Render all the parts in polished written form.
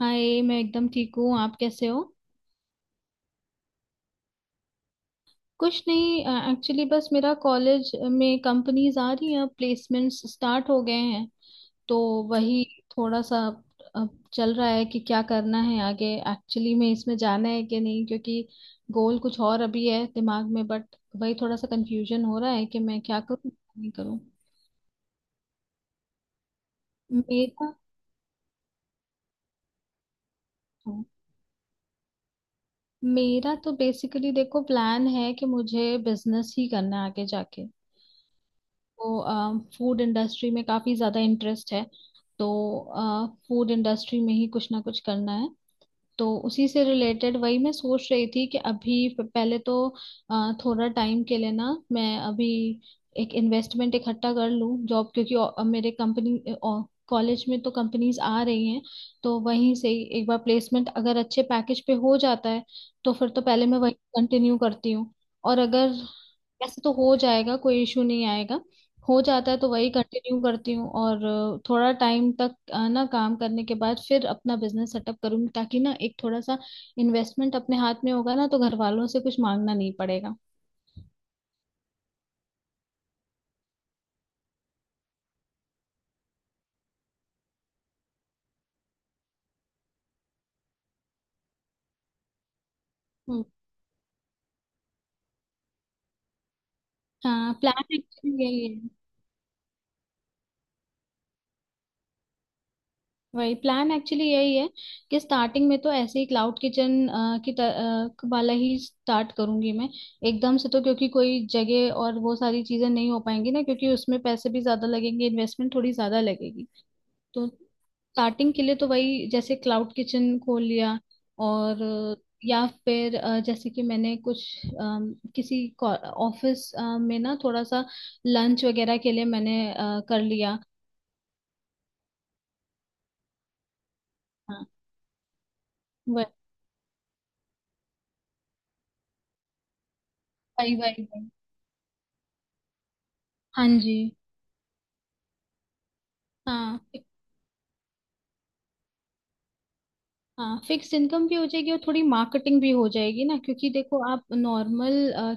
हाय, मैं एकदम ठीक हूँ। आप कैसे हो? कुछ नहीं। एक्चुअली बस मेरा कॉलेज में कंपनीज आ रही हैं, प्लेसमेंट्स स्टार्ट हो गए हैं। तो वही थोड़ा सा अ, चल रहा है कि क्या करना है आगे। एक्चुअली में इसमें जाना है कि नहीं, क्योंकि गोल कुछ और अभी है दिमाग में। बट वही थोड़ा सा कंफ्यूजन हो रहा है कि मैं क्या करूँ क्या नहीं करूँ। मेरा तो, मेरा तो बेसिकली देखो प्लान है कि मुझे बिजनेस ही करना है आगे जाके। को फूड इंडस्ट्री में काफ़ी ज़्यादा इंटरेस्ट है, तो फूड इंडस्ट्री में ही कुछ ना कुछ करना है। तो उसी से रिलेटेड वही मैं सोच रही थी कि अभी पहले तो थोड़ा टाइम के लिए ना मैं अभी एक इन्वेस्टमेंट इकट्ठा कर लूँ। जॉब, क्योंकि मेरे कंपनी कॉलेज में तो कंपनीज आ रही हैं। तो वहीं से ही एक बार प्लेसमेंट अगर अच्छे पैकेज पे हो जाता है, तो फिर तो पहले मैं वही कंटिन्यू करती हूँ। और अगर ऐसे तो हो जाएगा कोई इशू नहीं आएगा, हो जाता है तो वही कंटिन्यू करती हूँ। और थोड़ा टाइम तक ना काम करने के बाद फिर अपना बिजनेस सेटअप करूंगी, ताकि ना एक थोड़ा सा इन्वेस्टमेंट अपने हाथ में होगा ना, तो घर वालों से कुछ मांगना नहीं पड़ेगा। हम्म, हाँ प्लान एक्चुअली यही है। वही प्लान एक्चुअली यही है कि स्टार्टिंग में तो ऐसे ही क्लाउड किचन वाला ही स्टार्ट करूंगी मैं। एकदम से तो क्योंकि कोई जगह और वो सारी चीजें नहीं हो पाएंगी ना, क्योंकि उसमें पैसे भी ज्यादा लगेंगे, इन्वेस्टमेंट थोड़ी ज्यादा लगेगी। तो स्टार्टिंग के लिए तो वही जैसे क्लाउड किचन खोल लिया। और या फिर जैसे कि मैंने कुछ किसी ऑफिस में ना थोड़ा सा लंच वगैरह के लिए मैंने कर लिया। हाँ, वही वही वही वही। हाँ जी। हाँ। हाँ फिक्स इनकम भी हो जाएगी और थोड़ी मार्केटिंग भी हो जाएगी ना, क्योंकि देखो आप नॉर्मल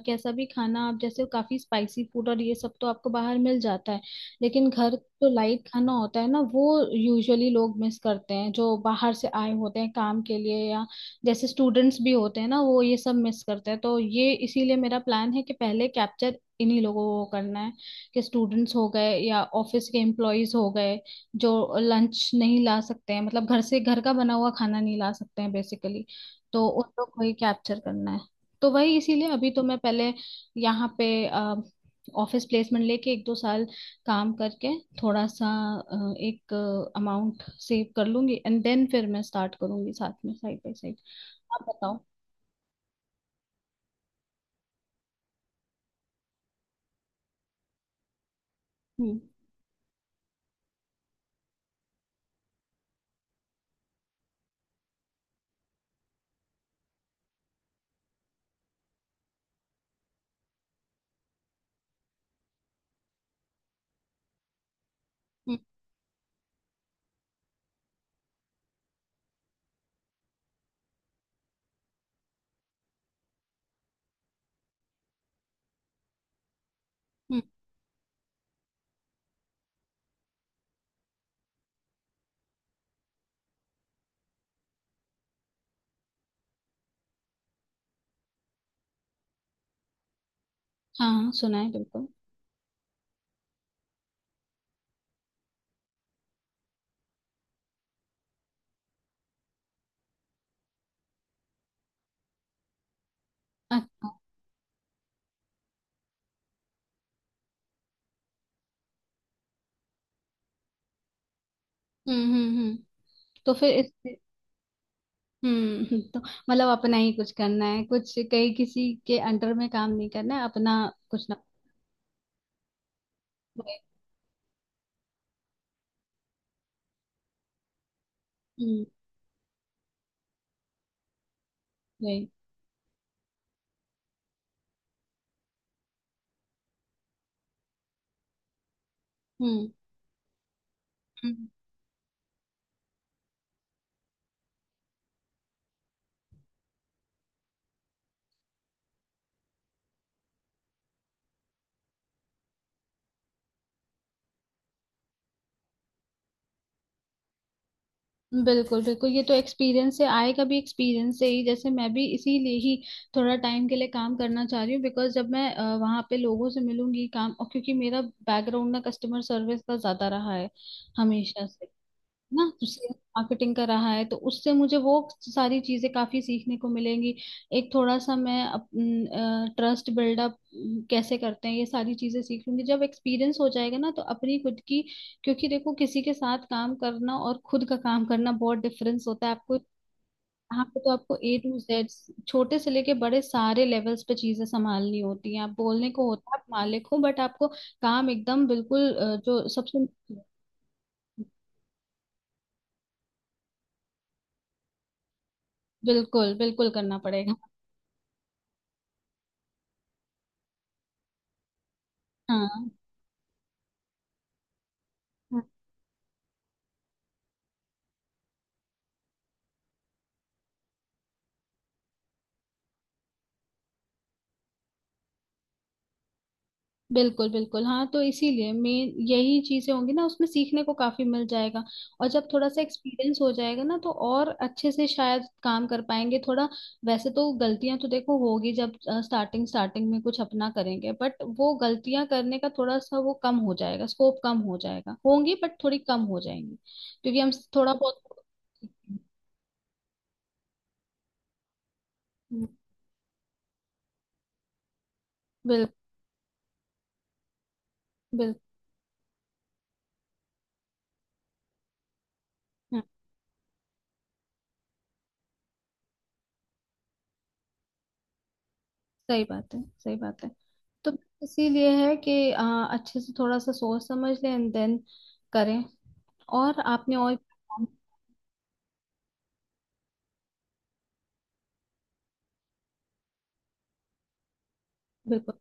कैसा भी खाना आप जैसे काफी स्पाइसी फूड और ये सब तो आपको बाहर मिल जाता है, लेकिन घर जो लाइट खाना होता है ना, वो यूजुअली लोग मिस करते हैं जो बाहर से आए होते हैं काम के लिए, या जैसे स्टूडेंट्स भी होते हैं ना, वो ये सब मिस करते हैं। तो ये इसीलिए मेरा प्लान है कि पहले कैप्चर इन्हीं लोगों को करना है, कि स्टूडेंट्स हो गए या ऑफिस के एम्प्लॉयज हो गए जो लंच नहीं ला सकते हैं, मतलब घर से घर का बना हुआ खाना नहीं ला सकते हैं बेसिकली। तो उन लोग को ही कैप्चर करना है। तो वही इसीलिए अभी तो मैं पहले यहाँ पे ऑफिस प्लेसमेंट लेके 1-2 साल काम करके थोड़ा सा एक अमाउंट सेव कर लूंगी एंड देन फिर मैं स्टार्ट करूंगी साथ में साइड बाय साइड। आप बताओ। हम्म हम्म हम्म। हाँ हाँ सुना है बिल्कुल। अच्छा। हम्म। तो फिर इस। हम्म, तो मतलब अपना ही कुछ करना है, कुछ कहीं किसी के अंडर में काम नहीं करना है। अपना कुछ ना। हम्म। वही। हम्म। हम्म, बिल्कुल बिल्कुल। ये तो एक्सपीरियंस से आएगा भी एक्सपीरियंस से ही। जैसे मैं भी इसीलिए ही थोड़ा टाइम के लिए काम करना चाह रही हूँ, बिकॉज जब मैं वहाँ पे लोगों से मिलूंगी काम, और क्योंकि मेरा बैकग्राउंड ना कस्टमर सर्विस का ज्यादा रहा है हमेशा से, ना तो सेल्स मार्केटिंग का रहा है। तो उससे मुझे वो सारी चीजें काफी सीखने को मिलेंगी। एक थोड़ा सा मैं ट्रस्ट बिल्डअप कैसे करते हैं ये सारी चीजें सीख लूंगी, जब एक्सपीरियंस हो जाएगा ना तो अपनी खुद की, क्योंकि देखो किसी के साथ काम करना और खुद का काम करना बहुत डिफरेंस होता है। आपको यहाँ पे तो आपको A to Z छोटे से लेके बड़े सारे लेवल्स पे चीजें संभालनी होती हैं। आप बोलने को होता है आप मालिक हो, बट आपको काम एकदम बिल्कुल जो सबसे। बिल्कुल बिल्कुल करना पड़ेगा। हाँ। हम्म, बिल्कुल बिल्कुल। हाँ तो इसीलिए मेन यही चीजें होंगी ना उसमें सीखने को काफी मिल जाएगा। और जब थोड़ा सा एक्सपीरियंस हो जाएगा ना, तो और अच्छे से शायद काम कर पाएंगे थोड़ा। वैसे तो गलतियां तो देखो होगी जब स्टार्टिंग स्टार्टिंग में कुछ अपना करेंगे, बट वो गलतियां करने का थोड़ा सा वो कम हो जाएगा, स्कोप कम हो जाएगा, होंगी बट थोड़ी कम हो जाएंगी क्योंकि हम थोड़ा बहुत। हम्म। बिल्कुल बिल्कुल। सही बात है, सही बात है। तो इसीलिए है कि अच्छे से थोड़ा सा सोच समझ लें एंड देन करें। और आपने और। बिल्कुल।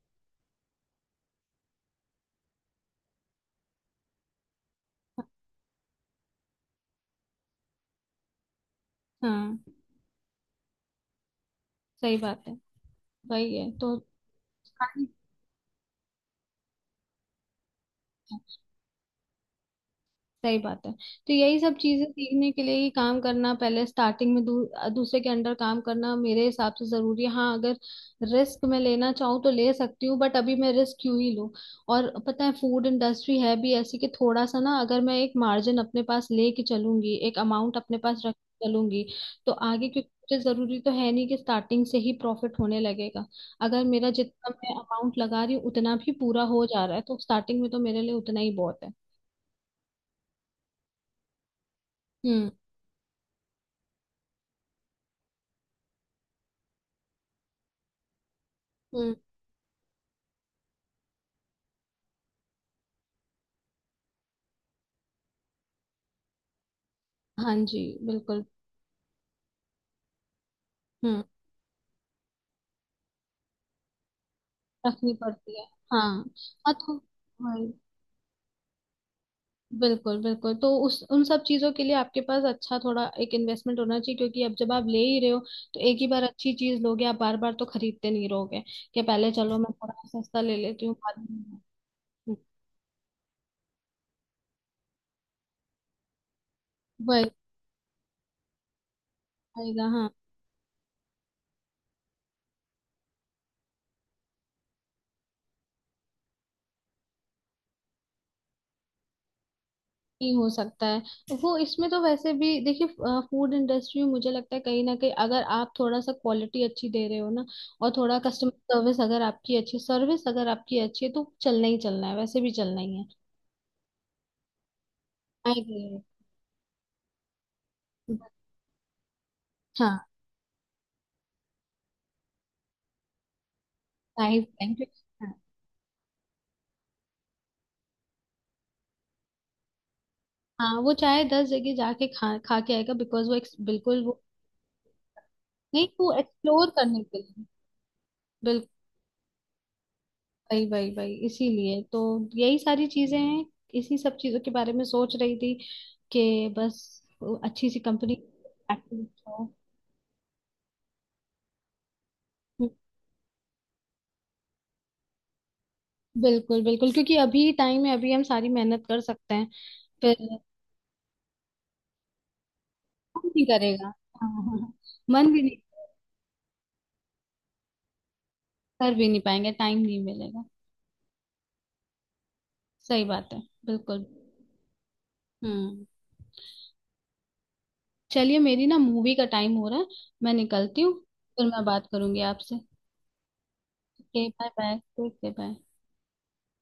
हाँ सही बात है। वही है तो। सही बात है। तो यही सब चीजें सीखने के लिए ही काम करना पहले स्टार्टिंग में दूसरे के अंडर काम करना मेरे हिसाब से जरूरी है। हाँ अगर रिस्क मैं लेना चाहूँ तो ले सकती हूँ, बट अभी मैं रिस्क क्यों ही लूँ। और पता है फूड इंडस्ट्री है भी ऐसी कि थोड़ा सा ना, अगर मैं एक मार्जिन अपने पास लेके चलूंगी, एक अमाउंट अपने पास रख के चलूंगी, तो आगे क्योंकि मुझे जरूरी तो है नहीं कि स्टार्टिंग से ही प्रॉफिट होने लगेगा। अगर मेरा जितना मैं अमाउंट लगा रही हूँ उतना भी पूरा हो जा रहा है, तो स्टार्टिंग में तो मेरे लिए उतना ही बहुत है। हम्म। हम्म। हाँ जी। बिल्कुल। हम्म। रखनी पड़ती है। हाँ। हाँ तो वही। बिल्कुल बिल्कुल, तो उस उन सब चीजों के लिए आपके पास अच्छा थोड़ा एक इन्वेस्टमेंट होना चाहिए। क्योंकि अब जब आप ले ही रहे हो, तो एक ही बार अच्छी चीज लोगे, आप बार बार तो खरीदते नहीं रहोगे कि पहले चलो मैं थोड़ा सस्ता ले लेती हूँ बाद में। हम्म, वही। आएगा हाँ। ही हो सकता है वो इसमें तो। वैसे भी देखिए फूड इंडस्ट्री में मुझे लगता है कहीं ना कहीं अगर आप थोड़ा सा क्वालिटी अच्छी दे रहे हो ना, और थोड़ा कस्टमर सर्विस अगर आपकी अच्छी, सर्विस अगर आपकी अच्छी है, तो चलना ही चलना है, वैसे भी चलना ही है। I agree. हाँ। I thank you. हाँ। हाँ, वो चाहे 10 जगह जाके खा खा के आएगा, बिकॉज वो बिल्कुल वो। नहीं, वो एक्सप्लोर करने के लिए। बिल्कुल। वही वही वही इसीलिए तो यही सारी चीजें हैं, इसी सब चीजों के बारे में सोच रही थी कि बस अच्छी सी कंपनी एक्टिव हो। बिल्कुल बिल्कुल, क्योंकि अभी टाइम है अभी हम सारी मेहनत कर सकते हैं। फिर मन नहीं करेगा हाँ, हाँ, हाँ। मन भी नहीं। कर भी नहीं पाएंगे, टाइम नहीं मिलेगा। सही बात है। बिल्कुल। हम्म। चलिए, मेरी ना मूवी का टाइम हो रहा है, मैं निकलती हूँ। फिर मैं बात करूंगी आपसे। Okay bye bye. Okay bye.